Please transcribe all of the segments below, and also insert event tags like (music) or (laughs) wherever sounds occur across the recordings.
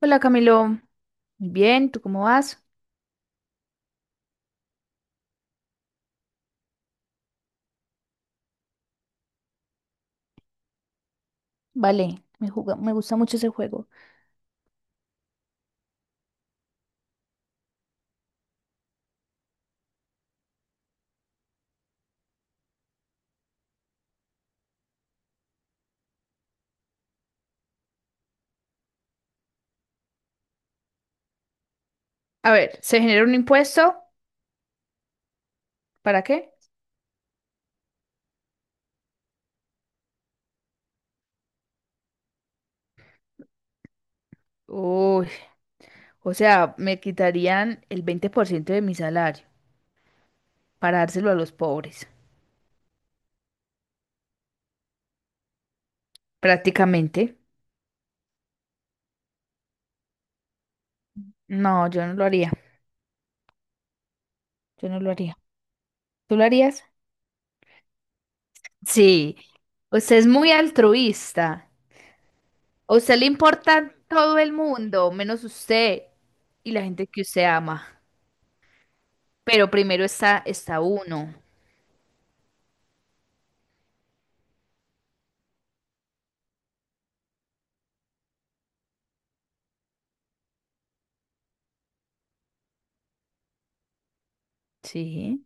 Hola Camilo, muy bien, ¿tú cómo vas? Vale, me gusta mucho ese juego. A ver, ¿se genera un impuesto? ¿Para qué? Uy, o sea, me quitarían el 20% de mi salario para dárselo a los pobres, prácticamente. No, yo no lo haría, yo no lo haría. ¿Tú lo harías? Sí, usted es muy altruista. A usted le importa todo el mundo, menos usted y la gente que usted ama. Pero primero está uno. Sí.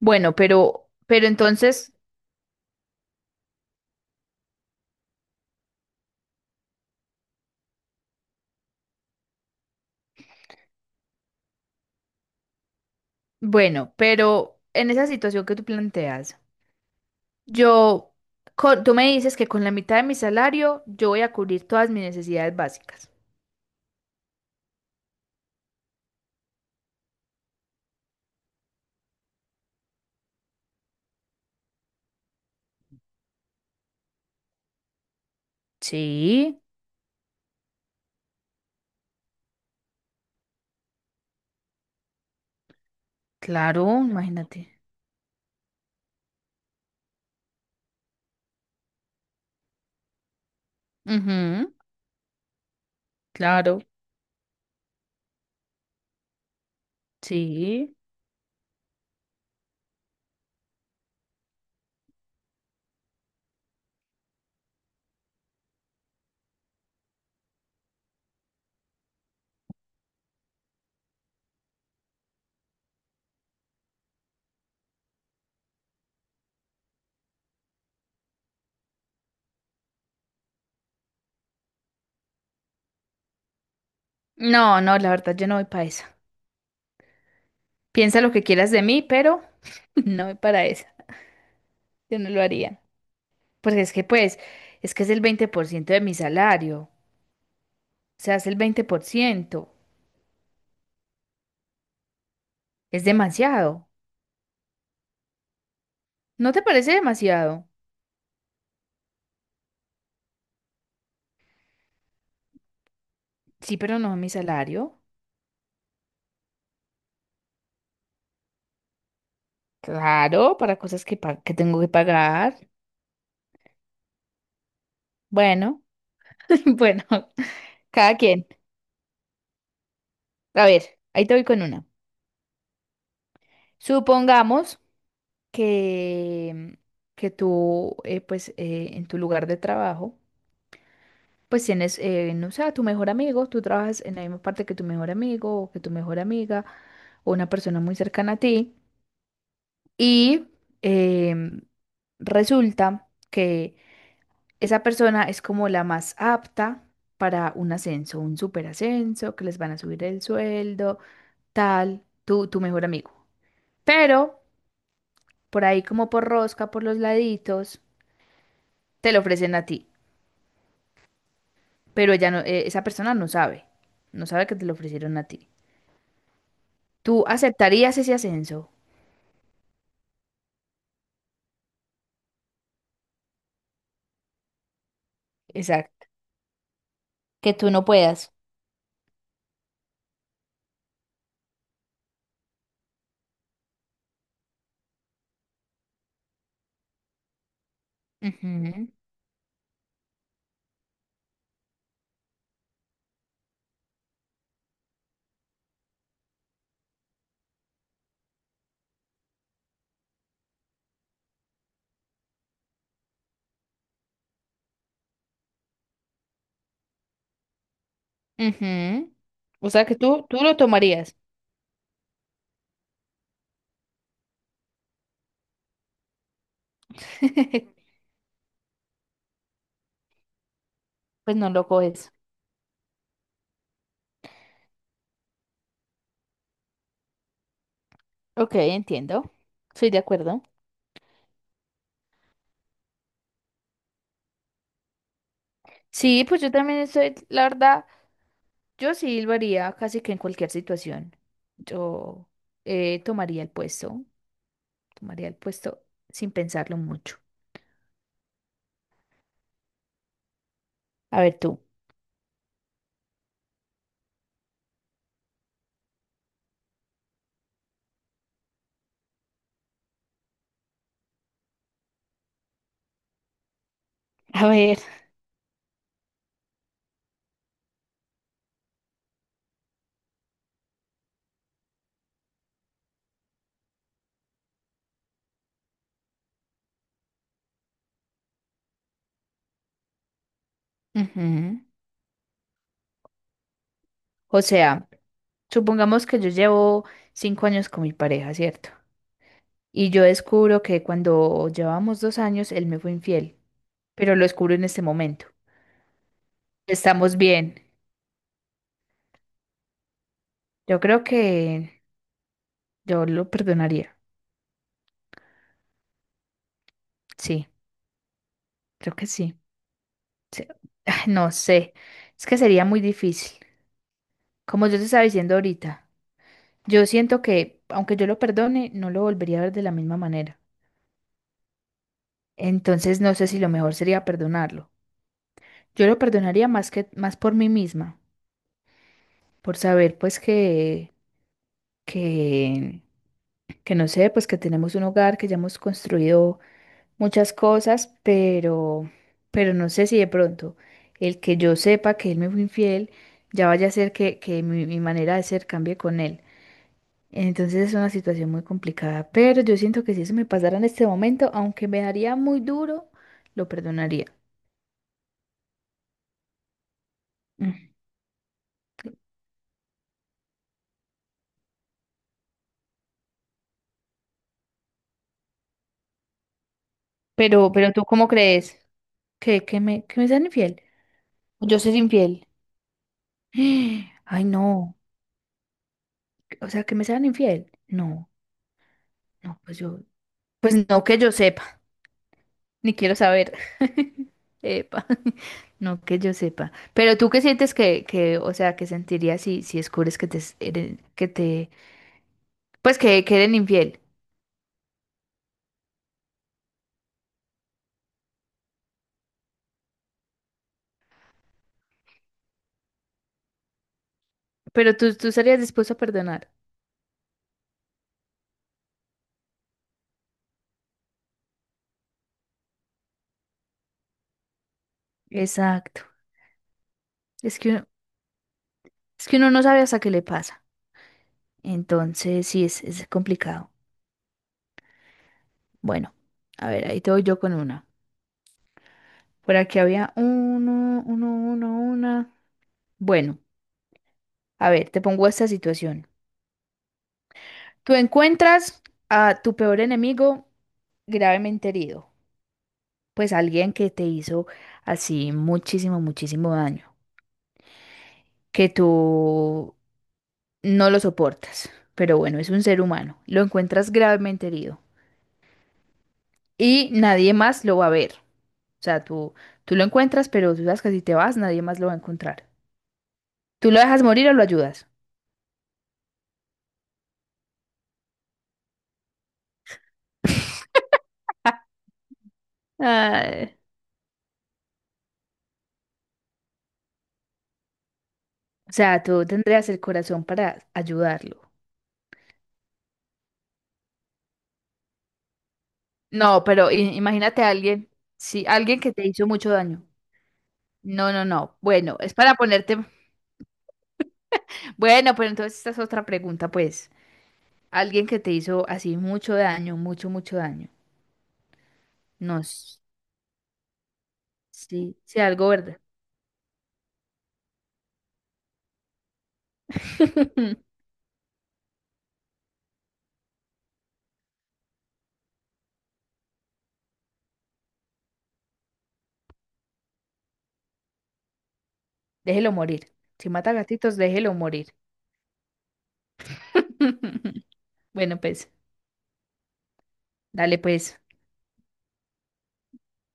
Bueno, pero entonces, bueno, pero en esa situación que tú planteas, yo, tú me dices que con la mitad de mi salario yo voy a cubrir todas mis necesidades básicas. Sí, claro, imagínate. Ujú, claro, sí. No, no, la verdad yo no voy para esa. Piensa lo que quieras de mí, pero (laughs) no voy para esa. Yo no lo haría. Porque es que pues, es que es el 20% de mi salario. O sea, es el 20%. Es demasiado. ¿No te parece demasiado? Sí, pero no a mi salario. Claro, para cosas que, que tengo que pagar. Bueno, (laughs) bueno, cada quien. A ver, ahí te voy con una. Supongamos que, que tú, pues, en tu lugar de trabajo, pues tienes, no sé, a tu mejor amigo, tú trabajas en la misma parte que tu mejor amigo o que tu mejor amiga o una persona muy cercana a ti y em, resulta que esa persona es como la más apta para un ascenso, un superascenso, que les van a subir el sueldo, tal, tu mejor amigo. Pero por ahí como por rosca, por los laditos, te lo ofrecen a ti. Pero ella no, esa persona no sabe, no sabe que te lo ofrecieron a ti. ¿Tú aceptarías ese ascenso? Exacto. Que tú no puedas. Ujú, ujú. O sea que tú lo tomarías. (laughs) Pues no lo coges. Ok, entiendo. Estoy de acuerdo. Sí, pues yo también estoy, la verdad, yo sí silbaría casi que en cualquier situación. Yo eh, tomaría el puesto, tomaría el puesto sin pensarlo mucho. A ver tú. (laughs) A ver, ujú. O sea, supongamos que yo llevo 5 años con mi pareja, ¿cierto? Y yo descubro que cuando llevábamos 2 años, él me fue infiel, pero lo descubro en este momento. Estamos bien. Yo creo que yo lo perdonaría. Sí, creo que sí. Sí, (sighs) no sé, es que sería muy difícil. Como yo te estaba diciendo ahorita, yo siento que aunque yo lo perdone, no lo volvería a ver de la misma manera. Entonces no sé si lo mejor sería perdonarlo. Yo lo perdonaría más que más por mí misma, por saber pues que que que no sé, pues que tenemos un hogar, que ya hemos construido muchas cosas, pero no sé si de pronto el que yo sepa que él me fue infiel ya vaya a hacer que que mi manera de ser cambie con él. Entonces es una situación muy complicada, pero yo siento que si eso me pasara en este momento, aunque me daría muy duro, lo perdonaría. Mm. Pero ¿tú cómo crees? ¿Que, que me sean infiel? ¿O yo ser infiel? (gasps) Ay, no. O sea, que me sean infiel. No, no, pues yo, pues no que yo sepa, ni quiero saber. (laughs) Epa, (laughs) no que yo sepa. Pero tú qué sientes que, o sea, que sentirías si, si descubres que te, pues que eres infiel. Pero tú estarías dispuesto a perdonar. Exacto. Es que uno, es que uno no sabe hasta qué le pasa. Entonces, sí, es complicado. Bueno, a ver, ahí te voy yo con una. Por aquí había una. Bueno, a ver, te pongo esta situación. Tú encuentras a tu peor enemigo gravemente herido. Pues alguien que te hizo así muchísimo, muchísimo daño. Que tú no lo soportas. Pero bueno, es un ser humano. Lo encuentras gravemente herido, y nadie más lo va a ver. O sea, tú lo encuentras, pero tú sabes que si te vas, nadie más lo va a encontrar. ¿Tú lo dejas morir o lo ayudas? Ay, o sea, tú tendrías el corazón para ayudarlo. No, pero imagínate a alguien, sí, alguien que te hizo mucho daño. No, no, no. Bueno, es para ponerte. Bueno, pero entonces esta es otra pregunta, pues. Alguien que te hizo así mucho daño, mucho, mucho daño. No, sí, sí, algo verde. (laughs) Déjelo morir. Si mata gatitos, déjelo morir. (laughs) Bueno, pues, dale pues.